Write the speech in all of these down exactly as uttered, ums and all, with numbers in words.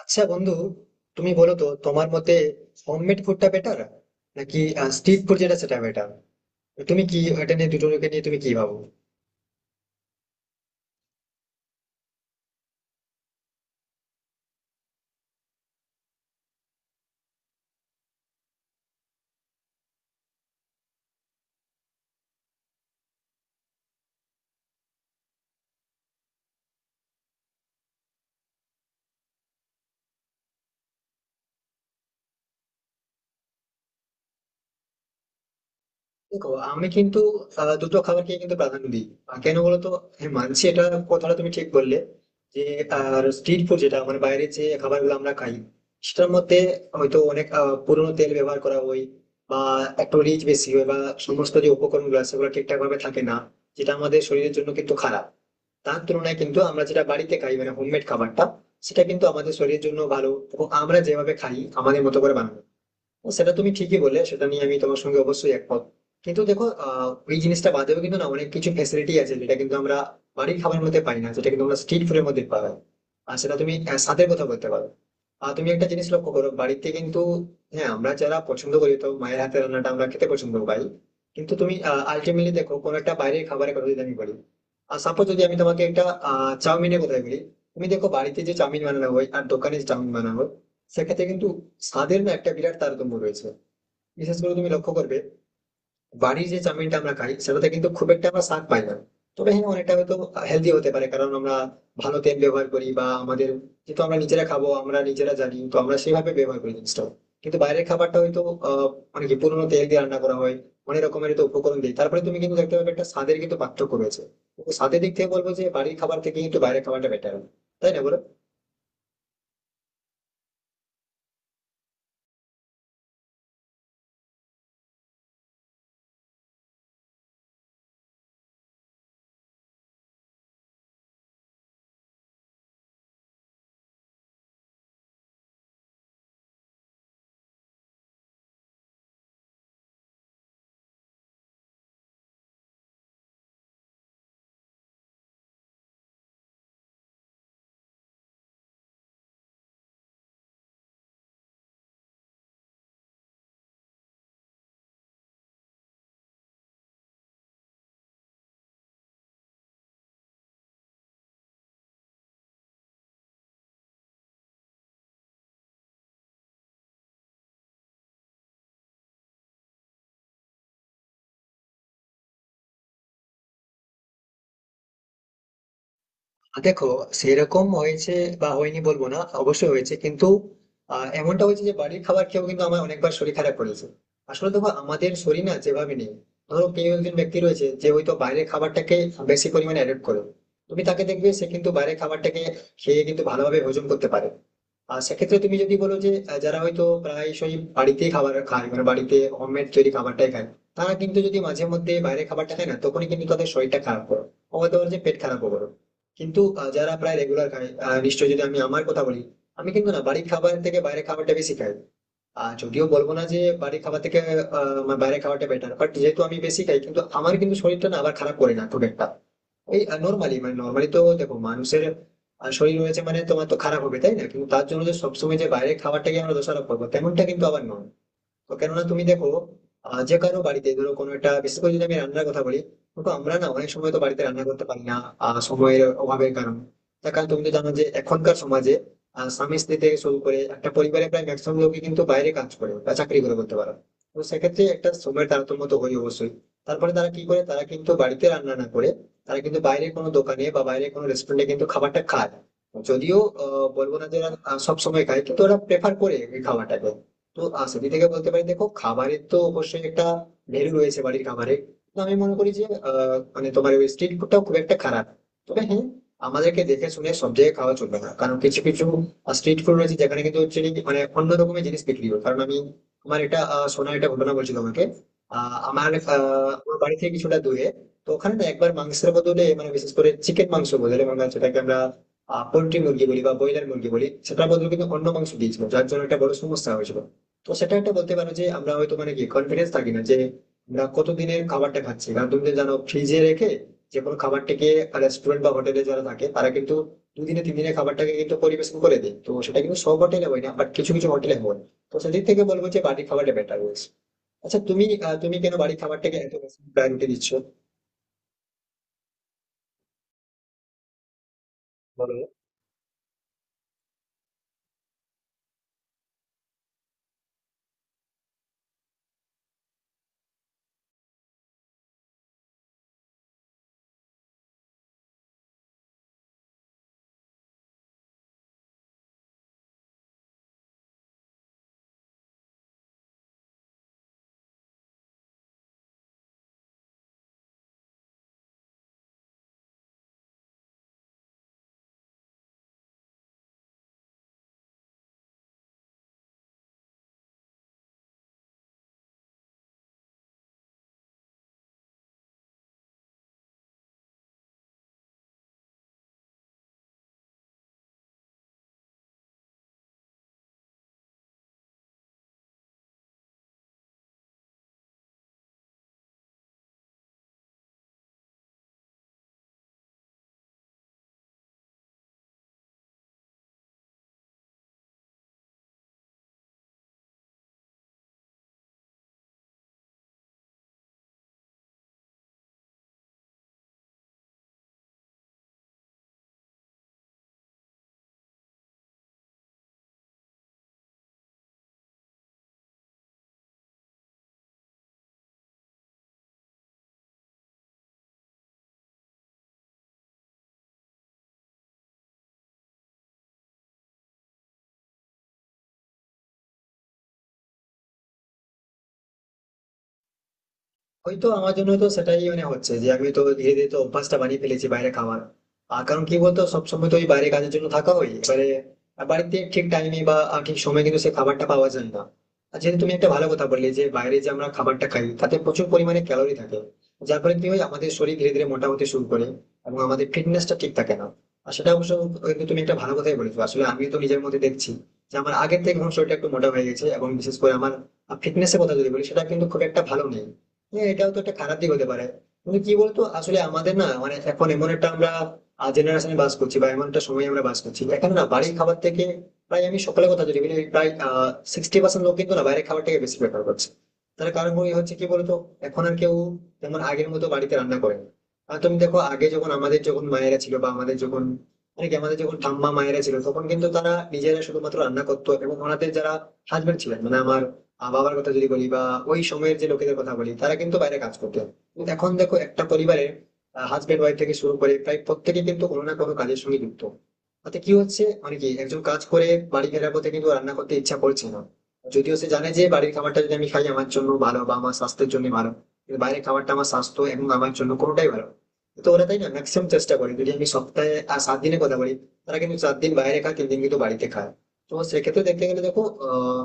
আচ্ছা বন্ধু, তুমি বলো তো, তোমার মতে হোমমেড ফুডটা বেটার নাকি স্ট্রিট ফুড যেটা সেটা বেটার? তুমি কি এটা নিয়ে, দুটোকে নিয়ে তুমি কি ভাবো? দেখো, আমি কিন্তু আহ, দুটো খাবারকে কিন্তু প্রাধান্য দিই। আহ, কেন বলো তো? হ্যাঁ, মানছি এটা, কথাটা তুমি ঠিক বললে যে আর স্ট্রিট ফুড যেটা, মানে বাইরে যে খাবারগুলো আমরা খাই সেটার মধ্যে হয়তো অনেক আহ, পুরোনো তেল ব্যবহার করা হয়, বা একটু রিচ বেশি হয়, বা সমস্ত যে উপকরণগুলো আছে সেগুলো ঠিকঠাক ভাবে থাকে না, যেটা আমাদের শরীরের জন্য কিন্তু খারাপ। তার তুলনায় কিন্তু আমরা যেটা বাড়িতে খাই মানে হোমমেড খাবারটা, সেটা কিন্তু আমাদের শরীরের জন্য ভালো এবং আমরা যেভাবে খাই, আমাদের মতো করে বানানো। ও, সেটা তুমি ঠিকই বললে, সেটা নিয়ে আমি তোমার সঙ্গে অবশ্যই একমত। কিন্তু দেখো, আহ, ওই জিনিসটা বাদেও কিন্তু না অনেক কিছু ফ্যাসিলিটি আছে যেটা কিন্তু আমরা বাড়ির খাবারের মধ্যে পাই না, যেটা কিন্তু আমরা স্ট্রিট ফুডের মধ্যে পাওয়া যায়। আর সেটা তুমি আহ, স্বাদের কথা বলতে পারো। আর তুমি একটা জিনিস লক্ষ্য করো, বাড়িতে কিন্তু হ্যাঁ আমরা যারা পছন্দ করি তো মায়ের হাতের রান্নাটা আমরা খেতে পছন্দ পাই, কিন্তু তুমি আলটিমেটলি দেখো কোনো একটা বাইরের খাবারের কথা যদি আমি বলি, আর সাপোজ যদি আমি তোমাকে একটা আহ চাউমিনের কথা বলি, তুমি দেখো বাড়িতে যে চাউমিন বানানো হয় আর দোকানে যে চাউমিন বানানো হয়, সেক্ষেত্রে কিন্তু স্বাদের না একটা বিরাট তারতম্য রয়েছে। বিশেষ করে তুমি লক্ষ্য করবে, বাড়ির যে চাউমিনটা আমরা খাই সেটাতে কিন্তু খুব একটা আমরা স্বাদ পাই না। তবে হ্যাঁ, অনেকটা হয়তো হেলদি হতে পারে, কারণ আমরা ভালো তেল ব্যবহার করি বা আমাদের, যেহেতু আমরা নিজেরা খাবো আমরা নিজেরা জানি তো, আমরা সেভাবে ব্যবহার করি জিনিসটা। কিন্তু বাইরের খাবারটা হয়তো আহ মানে কি পুরোনো তেল দিয়ে রান্না করা হয়, অনেক রকমের তো উপকরণ দিই, তারপরে তুমি কিন্তু দেখতে পাবে একটা স্বাদের কিন্তু পার্থক্য রয়েছে। তো স্বাদের দিক থেকে বলবো যে বাড়ির খাবার থেকে কিন্তু বাইরের খাবারটা বেটার, তাই না বলো? দেখো, সেরকম হয়েছে বা হয়নি বলবো না, অবশ্যই হয়েছে, কিন্তু আহ, এমনটা হয়েছে যে বাড়ির খাবার খেয়েও কিন্তু আমার অনেকবার শরীর খারাপ করেছে। আসলে দেখো আমাদের শরীর না যেভাবে নেই, ধরো কেউ একজন ব্যক্তি রয়েছে যে হয়তো বাইরের খাবারটাকে বেশি পরিমাণে অ্যাডপ্ট করে, তুমি তাকে দেখবে সে কিন্তু বাইরের খাবারটাকে খেয়ে কিন্তু ভালোভাবে হজম করতে পারে। আর সেক্ষেত্রে তুমি যদি বলো যে আহ, যারা হয়তো প্রায়শই বাড়িতেই খাবার খায়, মানে বাড়িতে হোমমেড তৈরি খাবারটাই খায়, তারা কিন্তু যদি মাঝে মধ্যে বাইরে খাবারটা খায় না, তখনই কিন্তু তাদের শরীরটা খারাপ করো, আমাদের যে পেট খারাপ করো। কিন্তু আহ, যারা প্রায় রেগুলার খায়, আহ, নিশ্চয়ই যদি আমি আমার কথা বলি, আমি কিন্তু না বাড়ির খাবার থেকে বাইরে খাবারটা বেশি খাই। আর যদিও বলবো না যে বাড়ির খাবার থেকে আহ, আমার বাইরে খাওয়াটা বেটার, বাট যেহেতু আমি বেশি খাই কিন্তু আমার কিন্তু শরীরটা না আবার খারাপ করে না খুব একটা। এই নর্মালি, মানে নর্মালি তো দেখো মানুষের আহ, শরীর রয়েছে মানে, তোমার তো খারাপ হবে তাই না, কিন্তু তার জন্য যে সবসময় যে বাইরে খাবারটাকে আমরা দোষারোপ করবো তেমনটা কিন্তু আবার নয়। তো কেননা তুমি দেখো, আহ, যে কারো বাড়িতে ধরো কোনো একটা, বিশেষ করে যদি আমি রান্নার কথা বলি, তো আমরা না অনেক সময় তো বাড়িতে রান্না করতে পারি না, আহ, সময়ের অভাবের কারণে। তার কারণ তুমি তো জানো যে এখনকার সমাজে আহ, স্বামী স্ত্রী থেকে শুরু করে একটা পরিবারে প্রায় ম্যাক্সিমাম লোকই কিন্তু বাইরে কাজ করে বা চাকরি করে করতে পারে। তো সেক্ষেত্রে একটা সময়ের তারতম্য তো হয় অবশ্যই। তারপরে তারা কি করে, তারা কিন্তু বাড়িতে রান্না না করে তারা কিন্তু বাইরে কোনো দোকানে বা বাইরে কোনো রেস্টুরেন্টে কিন্তু খাবারটা খায়। যদিও আহ, বলবো না যে ওরা সব সময় খায়, কিন্তু ওরা প্রেফার করে এই খাবারটাকে। তো আহ, সেদিক থেকে বলতে পারি, দেখো, খাবারের তো অবশ্যই একটা ভ্যালু রয়েছে বাড়ির খাবারে। তো আমি মনে করি যে আহ, মানে তোমার ওই স্ট্রিট ফুডটাও খুব একটা খারাপ। তবে হ্যাঁ, আমাদেরকে দেখে শুনে সব জায়গায় খাওয়া চলবে না, কারণ কিছু কিছু স্ট্রিট ফুড রয়েছে যেখানে কিন্তু হচ্ছে কি, মানে অন্য রকমের জিনিস বিক্রি হয়। কারণ আমি, আমার এটা আহ, শোনা এটা ঘটনা বলছি তোমাকে। আহ, আমার আহ, আমার বাড়ি থেকে কিছুটা দূরে, তো ওখানে না একবার মাংসের বদলে, মানে বিশেষ করে চিকেন মাংস বদলে, মানে সেটাকে আমরা পোল্ট্রি মুরগি বলি বা ব্রয়লার মুরগি বলি, সেটার বদলে কিন্তু অন্য মাংস দিয়েছিল, যার জন্য একটা বড় সমস্যা হয়েছিল। তো সেটা একটা বলতে পারো যে আমরা হয়তো মানে কি কনফিডেন্স থাকি না যে আমরা কতদিনের খাবারটা খাচ্ছি, কারণ তুমি তো জানো ফ্রিজে রেখে যে কোনো খাবারটাকে, রেস্টুরেন্ট বা হোটেলে যারা থাকে তারা কিন্তু দুদিনে তিন দিনের খাবারটাকে কিন্তু পরিবেশন করে দেয়। তো সেটা কিন্তু সব হোটেলে হয় না, বাট কিছু কিছু হোটেলে হয়। তো সেদিক থেকে বলবো যে বাড়ির খাবারটা বেটার রয়েছে। আচ্ছা, তুমি আহ, তুমি কেন বাড়ির খাবারটাকে এত বেশি প্রায়োরিটি দিচ্ছ? বলো। হয়তো আমার জন্য তো সেটাই, মানে হচ্ছে যে আমি তো ধীরে ধীরে তো অভ্যাসটা বানিয়ে ফেলেছি বাইরে খাওয়ার। আর কারণ কি বলতো, সবসময় তো ওই বাইরে কাজের জন্য থাকা হয়, এবারে বাড়িতে ঠিক টাইমে বা ঠিক সময়ে কিন্তু সেই খাবারটা পাওয়া যায় না। আর যেহেতু তুমি একটা ভালো কথা বললে যে বাইরে যে আমরা খাবারটা খাই তাতে প্রচুর পরিমাণে ক্যালোরি থাকে, যার ফলে কি হয় আমাদের শরীর ধীরে ধীরে মোটা হতে শুরু করে এবং আমাদের ফিটনেসটা ঠিক থাকে না। আর সেটা অবশ্য, কিন্তু তুমি একটা ভালো কথাই বলেছো, আসলে আমি তো নিজের মধ্যে দেখছি যে আমার আগের থেকে এখন শরীরটা একটু মোটা হয়ে গেছে এবং বিশেষ করে আমার ফিটনেসের কথা যদি বলি সেটা কিন্তু খুব একটা ভালো নেই। হ্যাঁ, এটাও তো একটা খারাপ দিক হতে পারে। কিন্তু কি বলতো, আসলে আমাদের না, মানে এখন এমন একটা আমরা জেনারেশনে বাস করছি বা এমন একটা সময় আমরা বাস করছি, এখানে না বাড়ির খাবার থেকে প্রায়, আমি সকালে কথা যদি বলি, প্রায় সিক্সটি পার্সেন্ট লোক কিন্তু না বাইরের খাবারটাকে বেশি প্রেফার করছে। তার কারণ ওই হচ্ছে কি বলতো, এখন আর কেউ যেমন আগের মতো বাড়িতে রান্না করে না। আর তুমি দেখো, আগে যখন আমাদের যখন মায়েরা ছিল বা আমাদের যখন, মানে কি আমাদের যখন ঠাম্মা মায়েরা ছিল, তখন কিন্তু তারা নিজেরা শুধুমাত্র রান্না করতো এবং ওনাদের যারা হাজবেন্ড ছিলেন, মানে আমার আহ, বাবার কথা যদি বলি বা ওই সময়ের যে লোকেদের কথা বলি, তারা কিন্তু বাইরে কাজ করতো। কিন্তু এখন দেখো একটা পরিবারে হাজবেন্ড ওয়াইফ থেকে শুরু করে প্রায় প্রত্যেকে কিন্তু কোনো না কোনো কাজের সঙ্গে যুক্ত। তাতে কি হচ্ছে, মানে কি একজন কাজ করে বাড়ি ফেরার পথে কিন্তু রান্না করতে ইচ্ছা করছে না, যদিও সে জানে যে বাড়ির খাবারটা যদি আমি খাই আমার জন্য ভালো বা আমার স্বাস্থ্যের জন্য ভালো, কিন্তু বাইরের খাবারটা আমার স্বাস্থ্য এবং আমার জন্য কোনোটাই ভালো না। তো ওরা, তাই না, ম্যাক্সিমাম চেষ্টা করে, যদি আমি সপ্তাহে আর সাত দিনের কথা বলি, তারা কিন্তু চার দিন বাইরে খায়, তিন দিন কিন্তু বাড়িতে খায়। তো সেক্ষেত্রে দেখতে গেলে দেখো আহ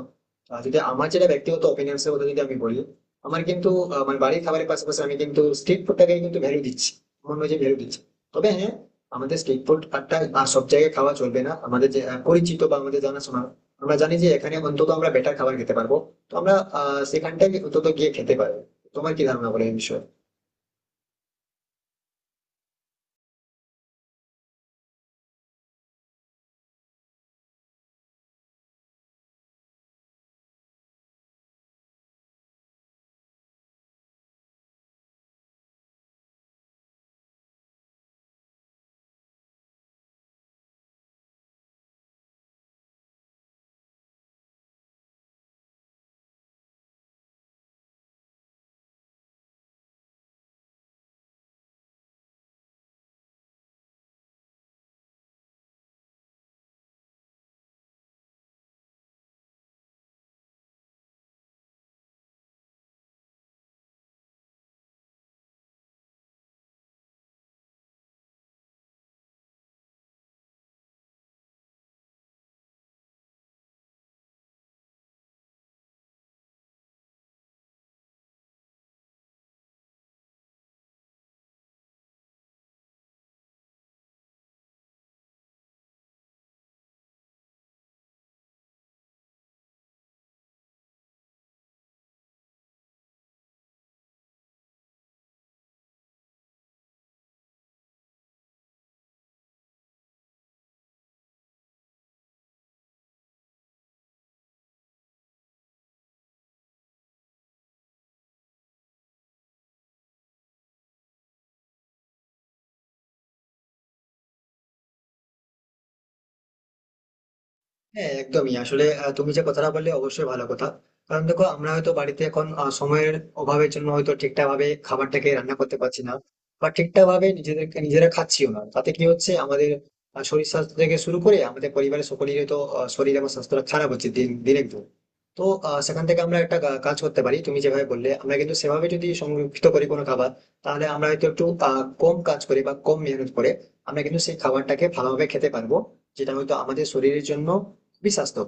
আহ, যদি আমার যেটা ব্যক্তিগত ওপিনিয়ন এর কথা যদি আমি বলি, আমার কিন্তু আহ, মানে বাড়ির খাবারের পাশাপাশি আমি কিন্তু স্ট্রিট ফুডটাকে কিন্তু ভ্যালু দিচ্ছি, আমার মনে হয় যে ভ্যালু দিচ্ছি। তবে হ্যাঁ, আমাদের স্ট্রিট ফুড একটা আহ, সব জায়গায় খাওয়া চলবে না, আমাদের যে আহ, পরিচিত বা আমাদের জানাশোনা, আমরা জানি যে এখানে অন্তত আমরা বেটার খাবার খেতে পারবো, তো আমরা আহ সেখানটাই অন্তত গিয়ে খেতে পারবো। তোমার কি ধারণা বলে এই বিষয়ে? হ্যাঁ, একদমই, আসলে আহ, তুমি যে কথাটা বললে অবশ্যই ভালো কথা। কারণ দেখো, আমরা হয়তো বাড়িতে এখন আহ, সময়ের অভাবের জন্য হয়তো ঠিকঠাক ভাবে খাবারটাকে রান্না করতে পারছি না বা ঠিকঠাক ভাবে নিজেদেরকে নিজেরা খাচ্ছিও না, তাতে কি হচ্ছে আমাদের আহ, শরীর স্বাস্থ্য থেকে শুরু করে আমাদের পরিবারের সকলেরই তো আহ, শরীর এবং স্বাস্থ্যটা খারাপ হচ্ছে দিন দিনের দিন। তো আহ, সেখান থেকে আমরা একটা গা- কাজ করতে পারি, তুমি যেভাবে বললে আমরা কিন্তু সেভাবে যদি সংরক্ষিত করি কোনো খাবার, তাহলে আমরা হয়তো একটু আহ, কম কাজ করে বা কম মেহনত করে আমরা কিন্তু সেই খাবারটাকে ভালোভাবে খেতে পারবো, যেটা হয়তো আমাদের শরীরের জন্য বিশ্বাস তো